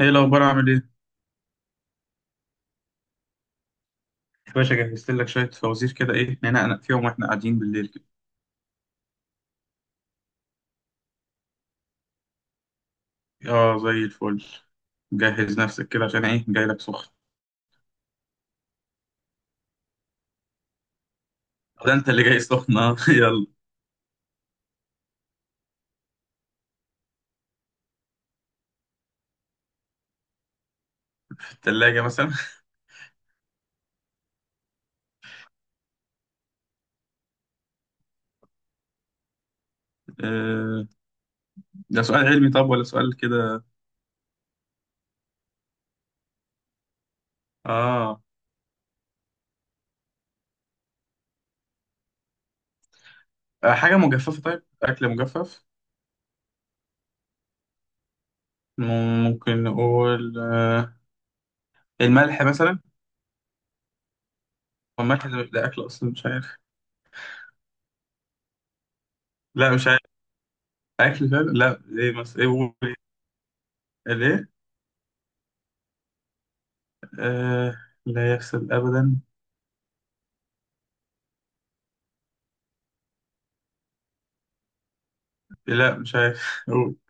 ايه الاخبار عامل ايه يا باشا؟ جهزت لك شويه فوازير كده، ايه ننقنق فيهم واحنا قاعدين بالليل كده؟ اه، زي الفل. جهز نفسك كده عشان ايه؟ جاي لك سخن. ده انت اللي جاي سخن اه يلا. في التلاجة مثلا؟ آه، ده سؤال علمي طب ولا سؤال كده؟ اه، حاجه مجففه، طيب اكل مجفف. م- ممكن نقول آه الملح مثلا. هو الملح ده اكل اصلا؟ مش عارف. لا مش عارف. اكل فعلا؟ لا، ايه مثلا؟ ايه قول؟ ايه ليه؟ آه، لا يفسد ابدا؟ لا مش عارف.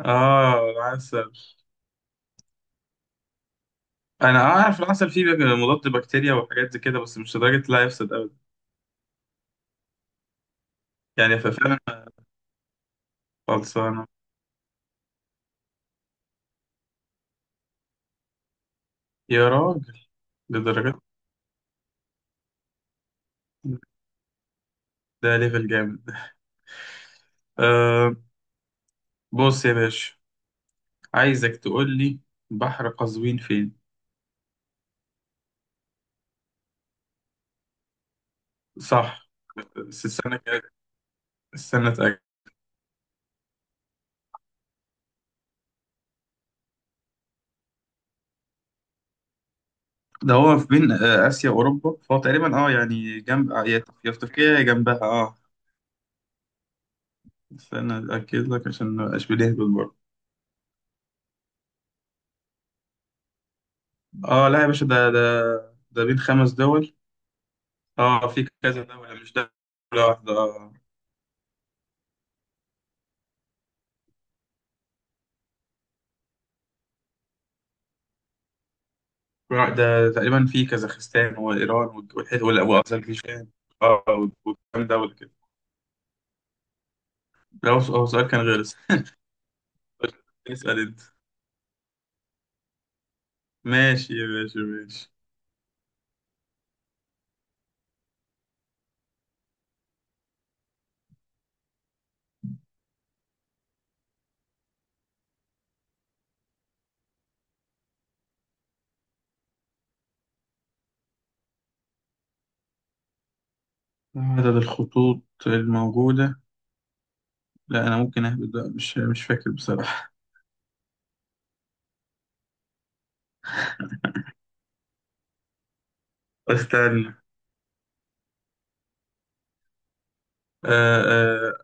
اه العسل. انا اعرف العسل فيه مضاد بكتيريا وحاجات زي كده، بس مش لدرجه لا يفسد ابدا. يعني ففعلا خلصانه يا راجل، لدرجه؟ ده ليفل جامد. آه، بص يا باشا، عايزك تقول لي بحر قزوين فين. صح، بس السنه كده. السنه، اتأكد. ده هو في بين اسيا واوروبا، فهو تقريبا اه يعني جنب يا في تركيا، يا جنبها اه. استنى اتاكد لك عشان ما ابقاش بنهبل برضه. اه لا يا باشا، ده ده بين خمس دول. اه في كذا دولة، مش دولة واحدة. آه. ده تقريبا في كازاخستان وإيران وأذربيجان. اه وكام دولة كده. هو سؤال كان غير السؤال. اسأل أنت. ماشي ماشي ماشي. عدد الخطوط الموجودة؟ لا أنا ممكن أهبط بقى، مش فاكر بصراحة. استنى آه آه،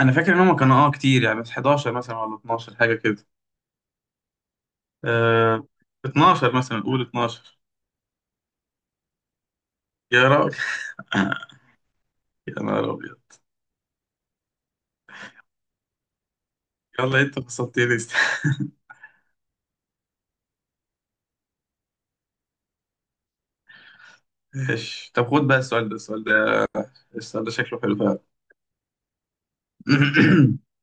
أنا فاكر إن هما كانوا اه كتير يعني، بس 11 مثلا ولا 12 حاجة كده. آه، 12 مثلا، قول 12. يا راجل يا نهار أبيض. يلا انت فصلتني ماشي، طب خد بقى السؤال ده. السؤال ده شكله حلو فعلا.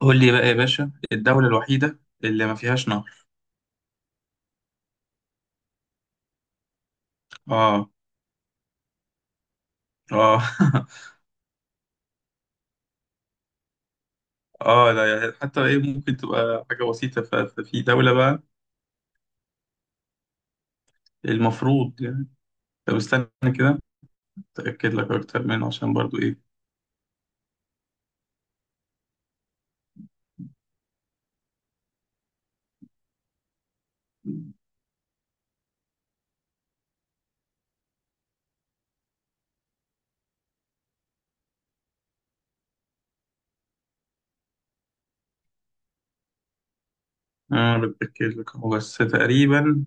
قول لي بقى يا باشا، الدولة الوحيدة اللي ما فيهاش نهر. اه. اه اه لا يعني حتى ايه، ممكن تبقى حاجة بسيطة ففي دولة بقى. المفروض يعني. طب استنى كده، اتأكد لك اكتر منه عشان برضو ايه. انا بتأكد لك، هو بس تقريبا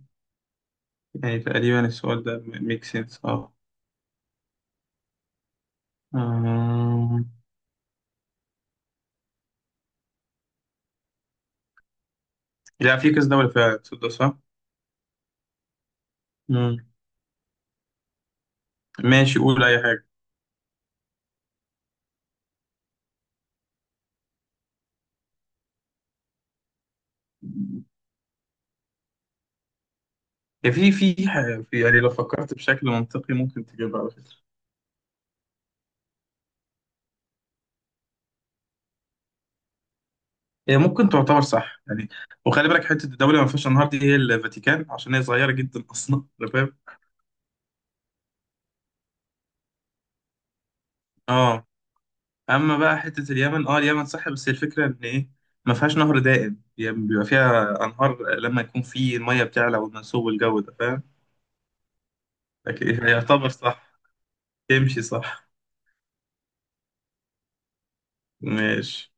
يعني تقريبا السؤال ده ميك سنس اه. آه. لا في كذا دولة فعلا، تصدق صح؟ ماشي قول أي حاجة. هي في في، يعني لو فكرت بشكل منطقي ممكن تجيبها على فكرة. هي ممكن تعتبر صح يعني، وخلي بالك حتة الدولة ما فيهاش أنهار دي هي الفاتيكان، عشان هي صغيرة جدا أصلا، أنت فاهم. اه. أما بقى حتة اليمن، اه اليمن صح، بس هي الفكرة إن إيه، ما فيهاش نهر دائم يعني، بيبقى فيها أنهار لما يكون في المية بتعلى والمنسوب والجو ده، فاهم. لكن هي يعتبر صح، تمشي صح. ماشي.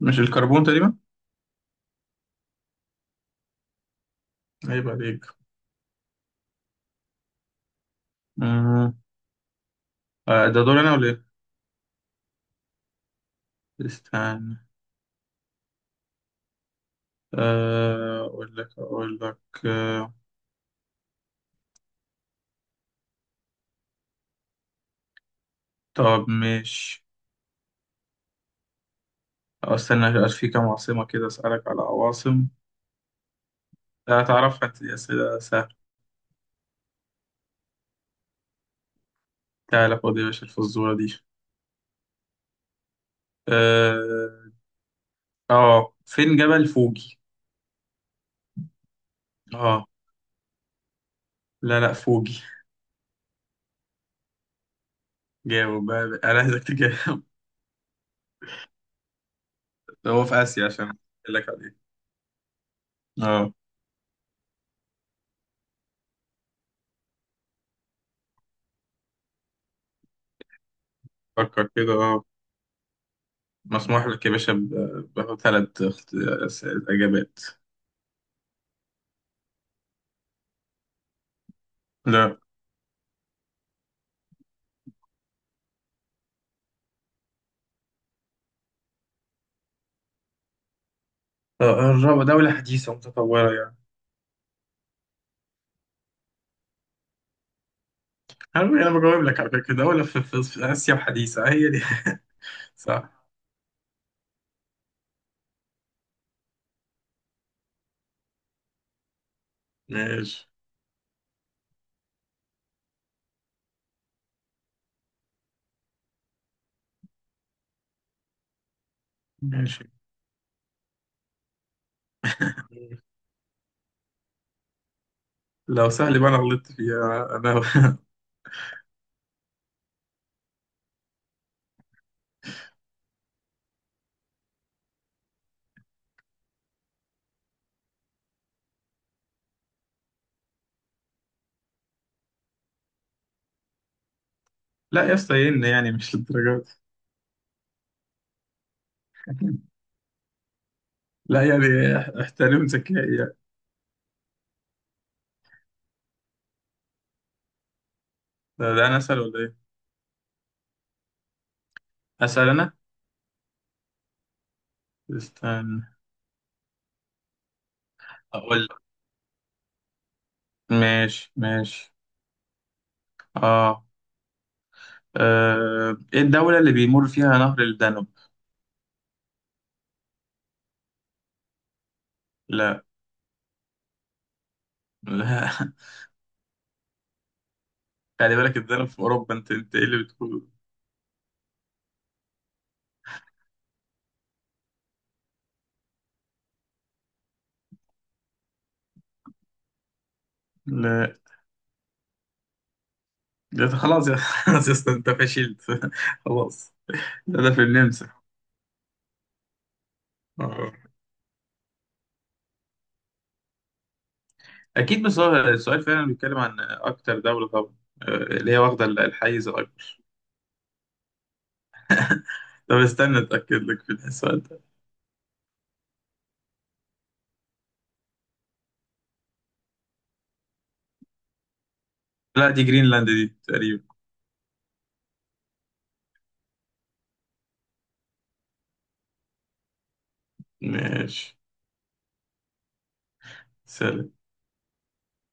مش الكربون تقريبا؟ عيب عليك. مم. آه، ده دور أنا ولا إيه؟ استنى آه، أقول لك آه، طب ماشي. أو استنى في كام عاصمة كده أسألك على عواصم. لا تعرفها أنت، دي أسئلة سهلة. تعالى خد يا باشا الفزورة دي. آه، آه، فين جبل فوجي؟ آه لا لا فوجي. جاوب بقى بقى. أنا عايزك تجاوب. هو في آسيا عشان أقول لك عليه. آه، فكر كده آه، مسموح لك يا باشا بثلاث إجابات. لا. آه، الرابعة دولة حديثة متطورة. عارف انا بجاوب لك على فكره، دوله في اسيا الحديثه هي دي. صح. ماشي ماشي. لو سهل بقى انا غلطت فيها انا لا يا اسطى إيه إن يعني مش للدرجه دي. لا يعني احترم ذكائي يعني. ده انا اسال ولا ايه؟ اسال انا. استنى، اقول لك. ماشي ماشي. اه آه، ايه الدوله اللي بيمر فيها نهر الدانوب؟ لا. لا خلي بالك الدانوب في اوروبا، انت ايه اللي بتقول؟ لا. ده خلاص يا خلاص يا اسطى انت فشلت خلاص. ده في النمسا. آه. اكيد، بس هو السؤال فعلا بيتكلم عن اكتر دوله طبعا، اللي هي واخده الحيز الاكبر. طب استنى اتاكد لك في السؤال ده. لا دي جرينلاند دي تقريبا. ماشي. سلام.